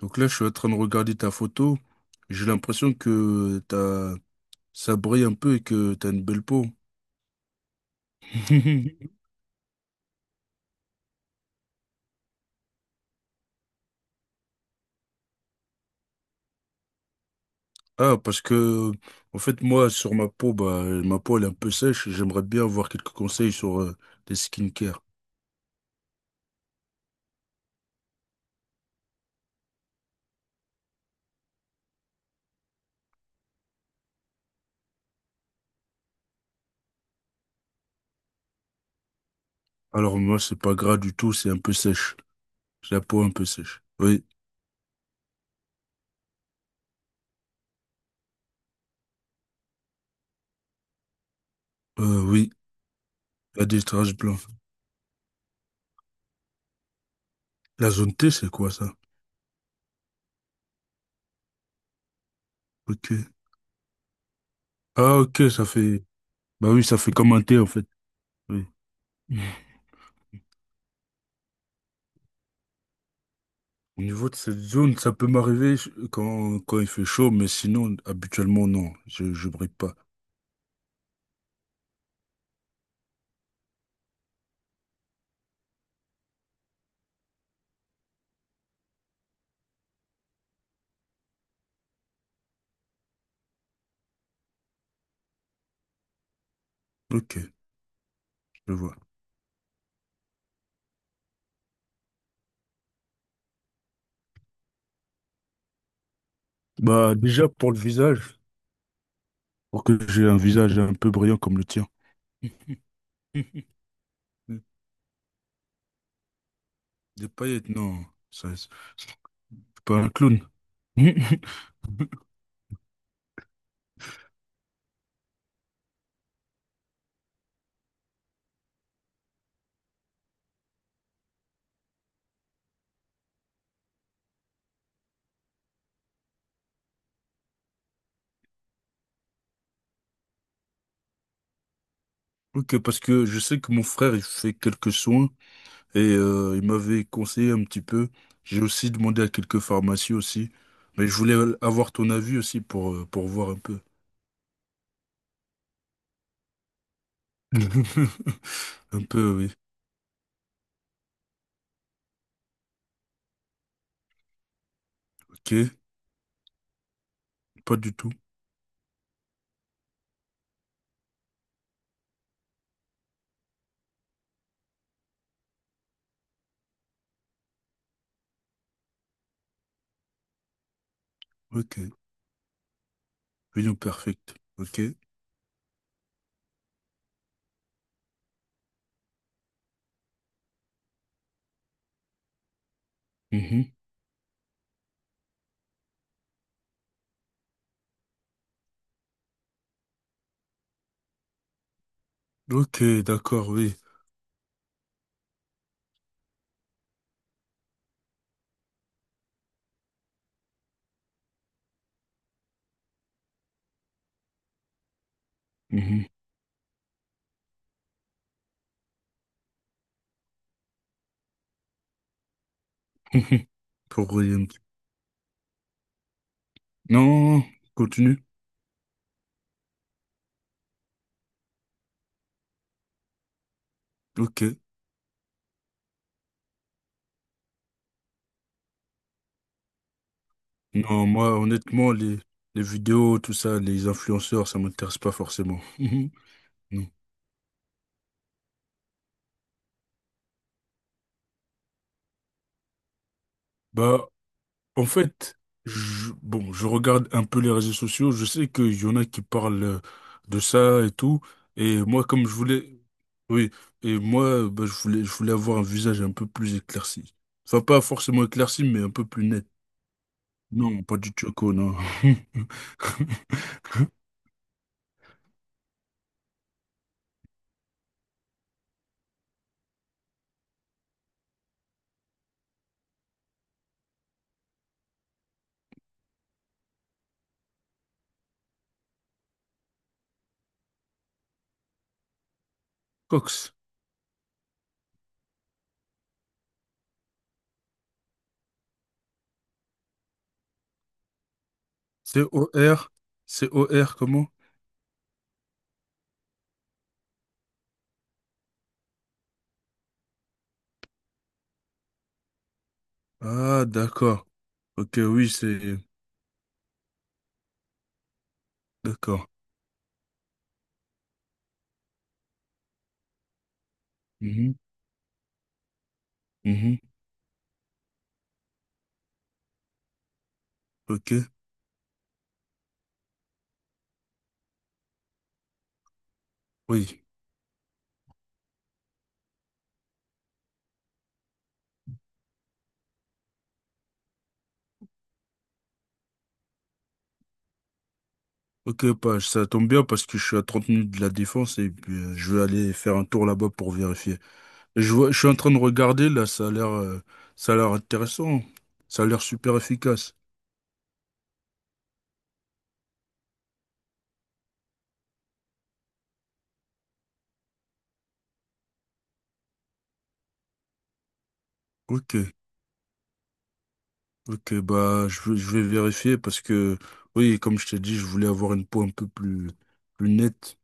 Donc là, je suis en train de regarder ta photo. J'ai l'impression que ça brille un peu et que t'as une belle peau. Ah, parce que, en fait, moi, sur ma peau, bah, ma peau, elle est un peu sèche. J'aimerais bien avoir quelques conseils sur les skincare. Alors, moi, c'est pas gras du tout, c'est un peu sèche. J'ai la peau un peu sèche. Oui, oui, il y a des traces blanches. La zone T, c'est quoi ça? Ok. Ah, ok, bah oui, ça fait comme un T, en fait. Oui. Au niveau de cette zone, ça peut m'arriver quand il fait chaud, mais sinon, habituellement, non, je brille pas. Ok, je vois. Bah, déjà pour le visage, pour que j'ai un visage un peu brillant comme le tien. Des paillettes, non, je suis pas un clown. Ok, parce que je sais que mon frère, il fait quelques soins et il m'avait conseillé un petit peu. J'ai aussi demandé à quelques pharmacies aussi, mais je voulais avoir ton avis aussi pour voir un peu. Un peu, oui. Ok, pas du tout. Ok, Union Perfect. Ok. Mhm. Ok, d'accord, oui. Mhm. Pour Williams. Non, continue. Ok. Non, moi, honnêtement, les vidéos, tout ça, les influenceurs, ça m'intéresse pas forcément. Mhm. Non. Bah, en fait, bon, je regarde un peu les réseaux sociaux. Je sais qu'il y en a qui parlent de ça et tout. Et moi, comme je voulais, oui, et moi, bah, je voulais avoir un visage un peu plus éclairci. Enfin, pas forcément éclairci, mais un peu plus net. Non, pas du choco, non. Cox. C-O-R. C-O-R, comment? Ah, d'accord. Ok, oui, c'est. D'accord. Mhm, mhm, ok. Oui. Ok, pas, ça tombe bien parce que je suis à 30 minutes de la Défense et puis je vais aller faire un tour là-bas pour vérifier. Je vois, je suis en train de regarder là, ça a l'air intéressant, ça a l'air super efficace. Ok, ok, bah je vais vérifier parce que oui, comme je t'ai dit, je voulais avoir une peau un peu plus nette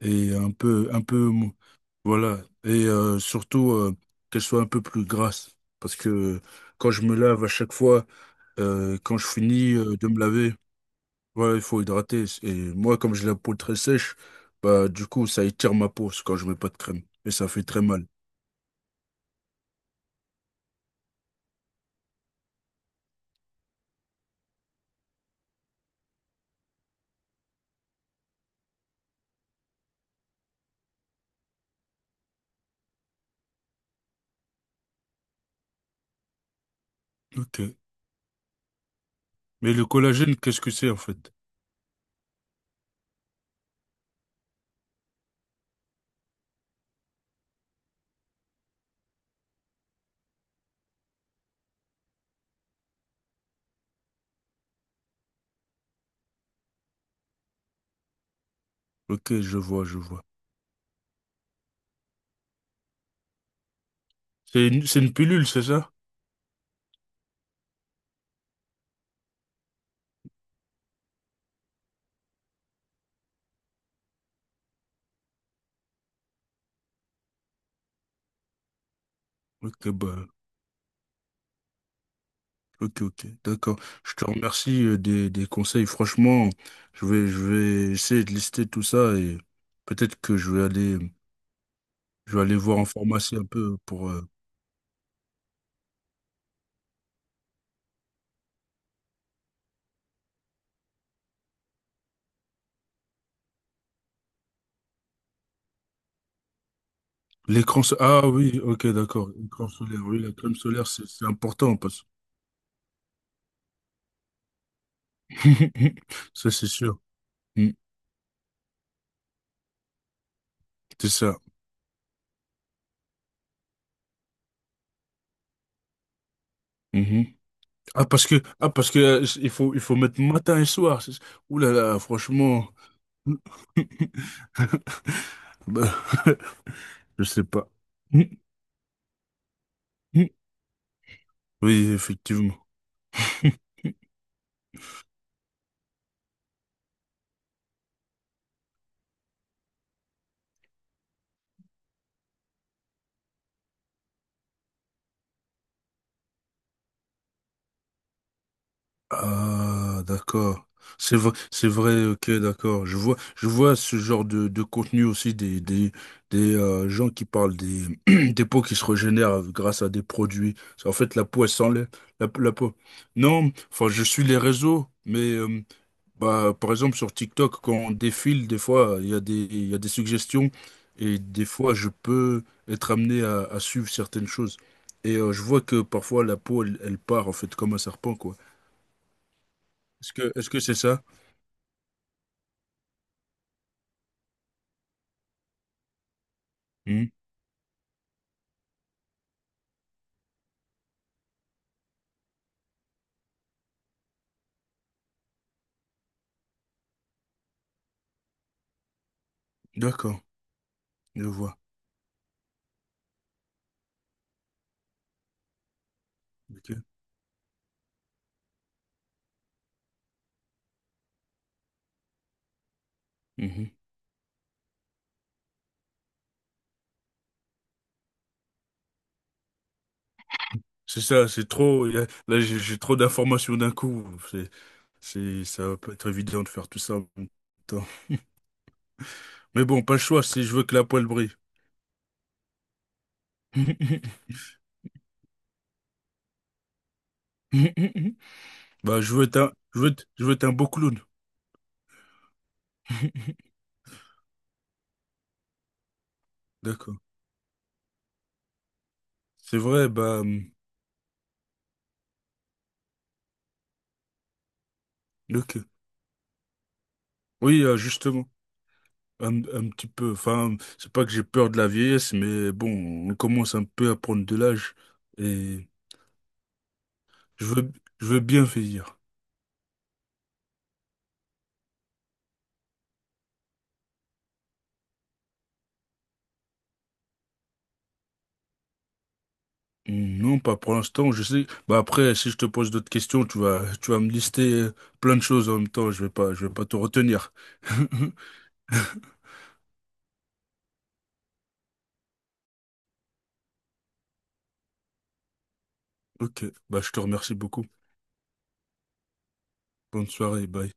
et un peu, voilà, et surtout qu'elle soit un peu plus grasse parce que quand je me lave à chaque fois, quand je finis de me laver. Ouais, il faut hydrater. Et moi, comme j'ai la peau très sèche, bah, du coup, ça étire ma peau c'est quand je mets pas de crème. Et ça fait très mal. Ok. Mais le collagène, qu'est-ce que c'est, en fait? Ok, je vois, je vois. C'est une pilule, c'est ça? Ok, bah, ok, ok, d'accord. Je te remercie des conseils. Franchement, je vais essayer de lister tout ça et peut-être que je vais aller voir en pharmacie un peu L'écran solaire. Ah oui, ok, d'accord. L'écran solaire. Oui, la crème solaire, c'est important parce Ça, c'est sûr. Mm, c'est ça. Mhm. Ah, parce que, il faut mettre matin et soir. Ouh là là, franchement. Bah, je sais pas. Mm, mm. Oui, effectivement. Ah, d'accord. C'est vrai, ok, d'accord. Je vois ce genre de contenu aussi des gens qui parlent des, des peaux qui se régénèrent grâce à des produits. En fait, la peau, elle s'enlève, la peau. Non, enfin, je suis les réseaux, mais bah, par exemple, sur TikTok, quand on défile, des fois, il y a des suggestions et des fois, je peux être amené à suivre certaines choses. Et je vois que parfois, la peau, elle part, en fait, comme un serpent, quoi. Est-ce que c'est ça? Mhm. D'accord, je vois. Ok. Mhm. C'est ça, c'est trop. Là, j'ai trop d'informations d'un coup. C'est, Ça va pas être évident de faire tout ça en même temps. Mais bon, pas le choix si je veux que la poêle brille. Bah, je veux être un, je veux être un beau clown. D'accord. C'est vrai, bah, ok. Oui, justement, un petit peu. Enfin, c'est pas que j'ai peur de la vieillesse, mais bon, on commence un peu à prendre de l'âge. Et. Je veux, je veux bien finir. Non, pas pour l'instant, je sais. Bah après, si je te pose d'autres questions, tu vas me lister plein de choses en même temps. Je vais pas tout retenir. Ok, bah je te remercie beaucoup. Bonne soirée, bye.